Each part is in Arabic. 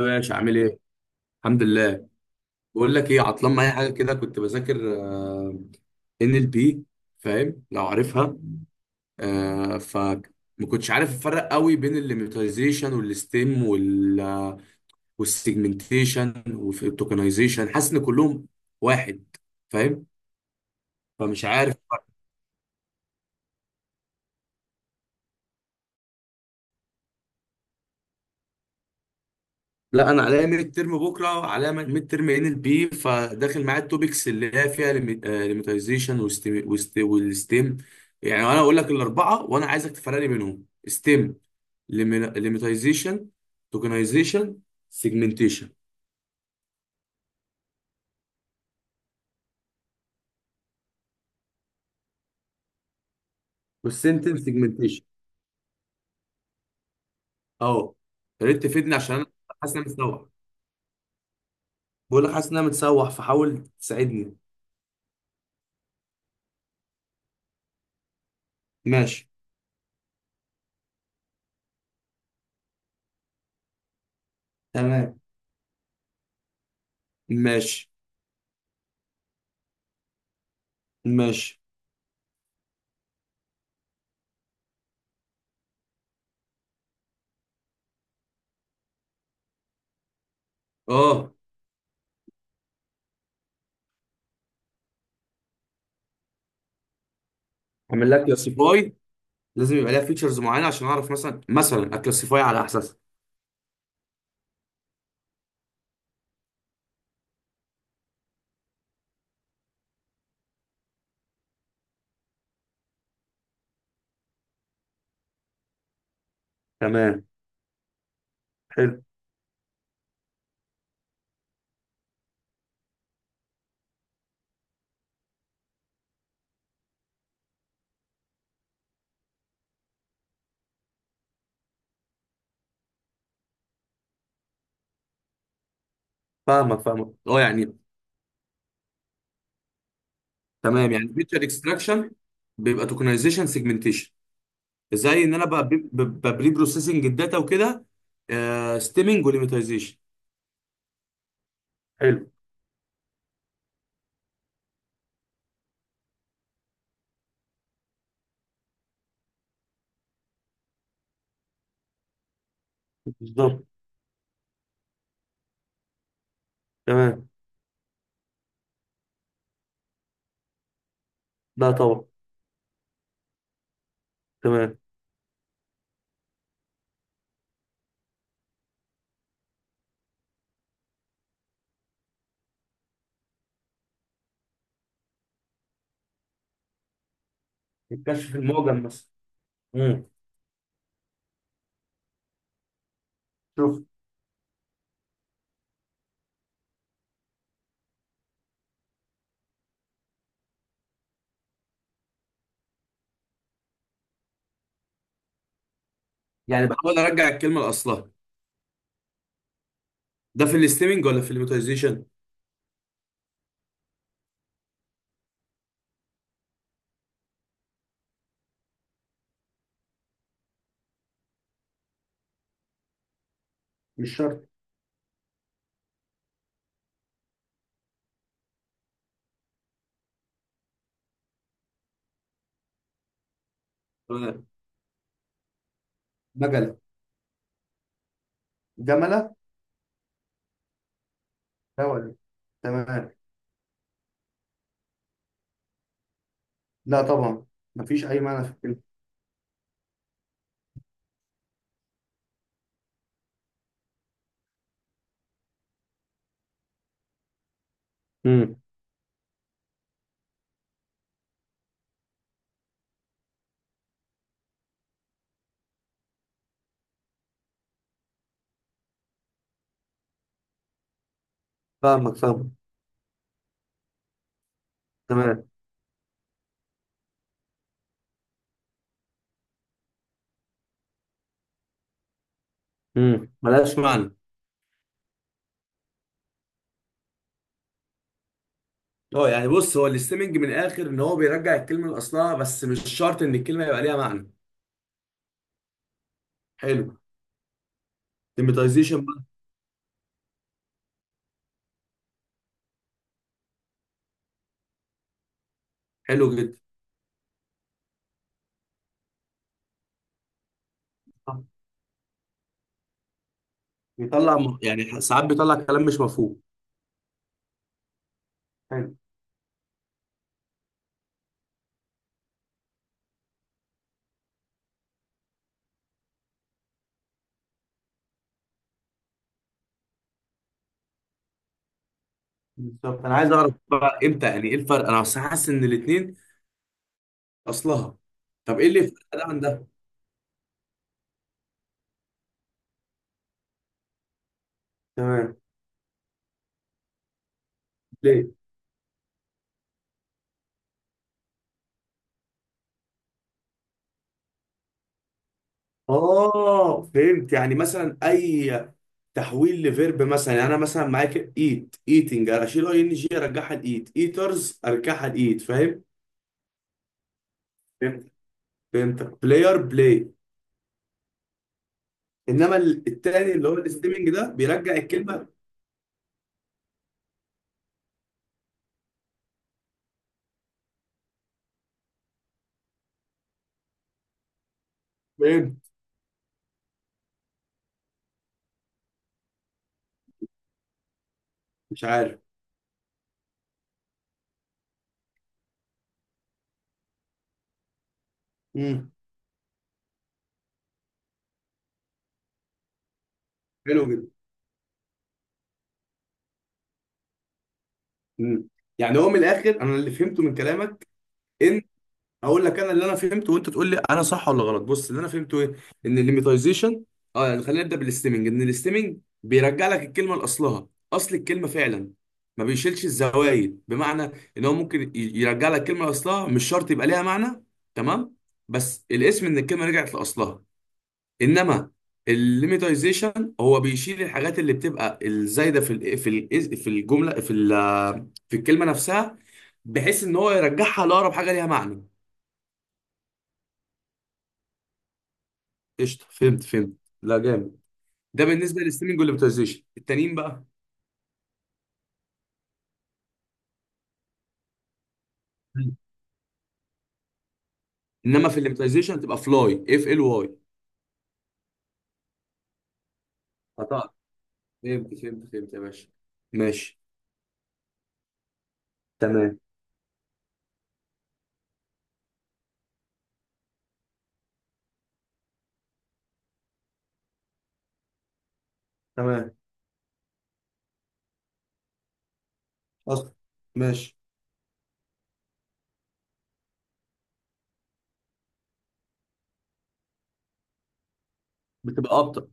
يا باشا عامل ايه؟ الحمد لله. بقول لك ايه، عطلان معايا حاجه كده كنت بذاكر NLP. فاهم لو عارفها؟ آه ف ما كنتش عارف افرق قوي بين الليميتايزيشن والستيم والسيجمنتيشن والتوكنايزيشن، حاسس ان كلهم واحد، فاهم؟ فمش عارف. لا، انا عليا ميد ترم بكره، عليا ميد ترم NLP فداخل معايا التوبكس اللي هي فيها ليميتايزيشن والستيم. يعني انا اقول لك الاربعه وانا عايزك تفرق لي بينهم: ستيم، ليميتايزيشن، توكنايزيشن، سيجمنتيشن والسنتم سيجمنتيشن. اه، يا ريت تفيدني عشان انا حاسس ان انا متسوح. بقول لك حاسس ان انا متسوح فحاول تساعدني. ماشي. تمام. ماشي ماشي. اه. اعمل لك كلاسيفاي لازم يبقى ليها فيتشرز معينه عشان اعرف مثلا اكلاسيفاي على اساسها. تمام. حلو. فاهمك فاهمك، اه يعني. تمام، يعني فيتشر اكستراكشن بيبقى توكنايزيشن سيجمنتيشن. زي ان انا بقى ببري بروسيسنج الداتا وكده، ستيمنج وليميتايزيشن. حلو. بالظبط. تمام. لا طبعا. تمام. الكشف المعجم مثلا. امم شوف. يعني بحاول ارجع الكلمه لاصلها. ده في الاستيمنج ولا في الليميتايزيشن؟ مش شرط. تمام. مجله. جمله. ده ولا. تمام. لا طبعا، مفيش أي معنى في الكلمة. امم فاهمك فاهمك. تمام. ملهاش معنى. اه، يعني بص، هو الاستيمنج من الاخر ان هو بيرجع الكلمه لاصلها بس مش شرط ان الكلمه يبقى ليها معنى. حلو. ديميتايزيشن بقى. حلو جدا. صح. بيطلع يعني ساعات بيطلع كلام مش مفهوم. حلو. بالظبط، انا عايز اعرف بقى امتى يعني ايه الفرق؟ انا أصل حاسس ان الاثنين اصلها. طب ايه اللي يفرق ده عن ده؟ تمام. ليه؟ اه، فهمت. يعني مثلا اي تحويل لفيرب، مثلا يعني انا مثلا معاك ايت، ايتنج اشيل ING ارجعها لايت، ايترز ارجعها لايت، فاهم؟ فهمت. فهمتك، بلاير بلاي. انما التاني اللي هو الاستيمنج ده بيرجع الكلمه. فهمت. مش عارف. امم. حلو جدا. امم، يعني هو من الاخر، انا اللي فهمته من كلامك ان اقول لك انا اللي انا فهمته وانت تقول لي انا صح ولا غلط. بص اللي انا فهمته ايه، ان الليميتايزيشن، اه يعني خلينا نبدا بالاستيمنج. ان الاستيمنج بيرجع لك الكلمه لاصلها، اصل الكلمه فعلا، ما بيشيلش الزوايد، بمعنى ان هو ممكن يرجع لك الكلمه لاصلها مش شرط يبقى ليها معنى. تمام. بس الاسم ان الكلمه رجعت لاصلها. انما الليميتايزيشن هو بيشيل الحاجات اللي بتبقى الزايده في ال في ال في الجمله في ال- في الكلمه نفسها، بحيث ان هو يرجعها لاقرب حاجه ليها معنى. قشطه، فهمت فهمت. لا جامد. ده بالنسبه للستريمنج والامتيازيشن التانيين بقى. مم. انما في الامتيازيشن تبقى فلاي FLY. قطعت. فهمت فهمت فهمت يا باشا. ماشي. تمام. تمام. اصلا. ماشي. بتبقى ابطا.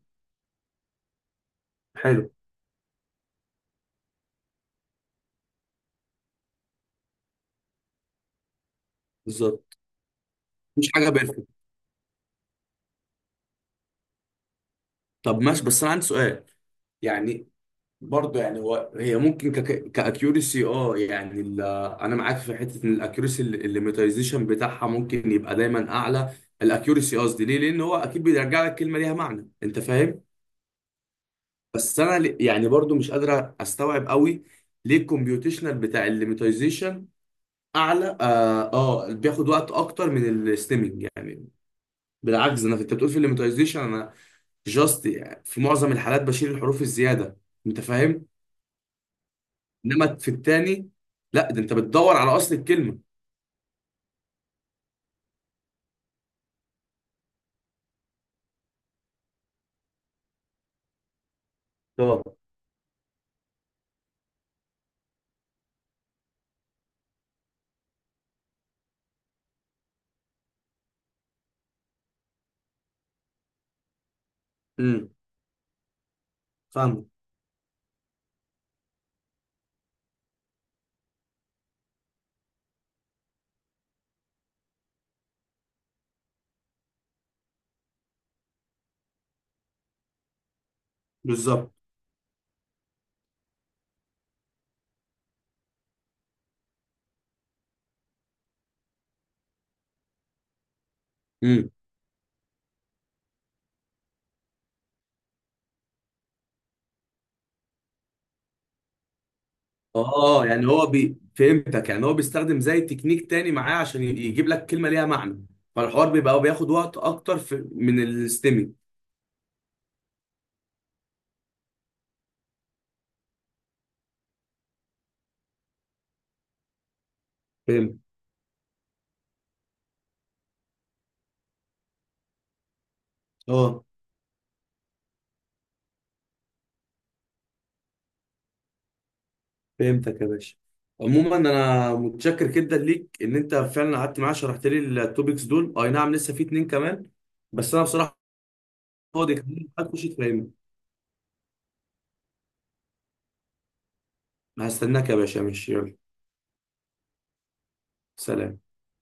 حلو. بالظبط. مش حاجه بيرفكت. طب ماشي، بس انا عندي سؤال. يعني برضه يعني هو هي ممكن كاكيورسي، اه يعني انا معاك في حته ان الاكيورسي الليميتايزيشن بتاعها ممكن يبقى دايما اعلى. الاكيورسي قصدي، ليه؟ لان هو اكيد بيرجع لك كلمه ليها معنى، انت فاهم. بس انا يعني برضه مش قادر استوعب قوي ليه الكمبيوتيشنال بتاع الليميتايزيشن اعلى، بياخد وقت اكتر من الستيمنج يعني. بالعكس، انا انت بتقول في الليميتايزيشن انا جاست يعني في معظم الحالات بشيل الحروف الزياده، انت فاهم؟ انما في التاني لا، ده انت بتدور على اصل الكلمه. اه. امم فاهمه. بالظبط. امم، اه يعني هو فهمتك، يعني هو بيستخدم زي تكنيك تاني معاه عشان يجيب لك كلمه ليها معنى، فالحوار بيبقى بياخد وقت اكتر من الاستمي. فهمت. اه فهمتك يا باشا. عموما انا متشكر جدا ليك ان انت فعلا قعدت معايا شرحت لي التوبكس دول. اي نعم لسه في اتنين كمان، بس انا بصراحه فاضي، كمان هتخش تفهمني؟ هستناك يا باشا، ماشي، يلا. سلام.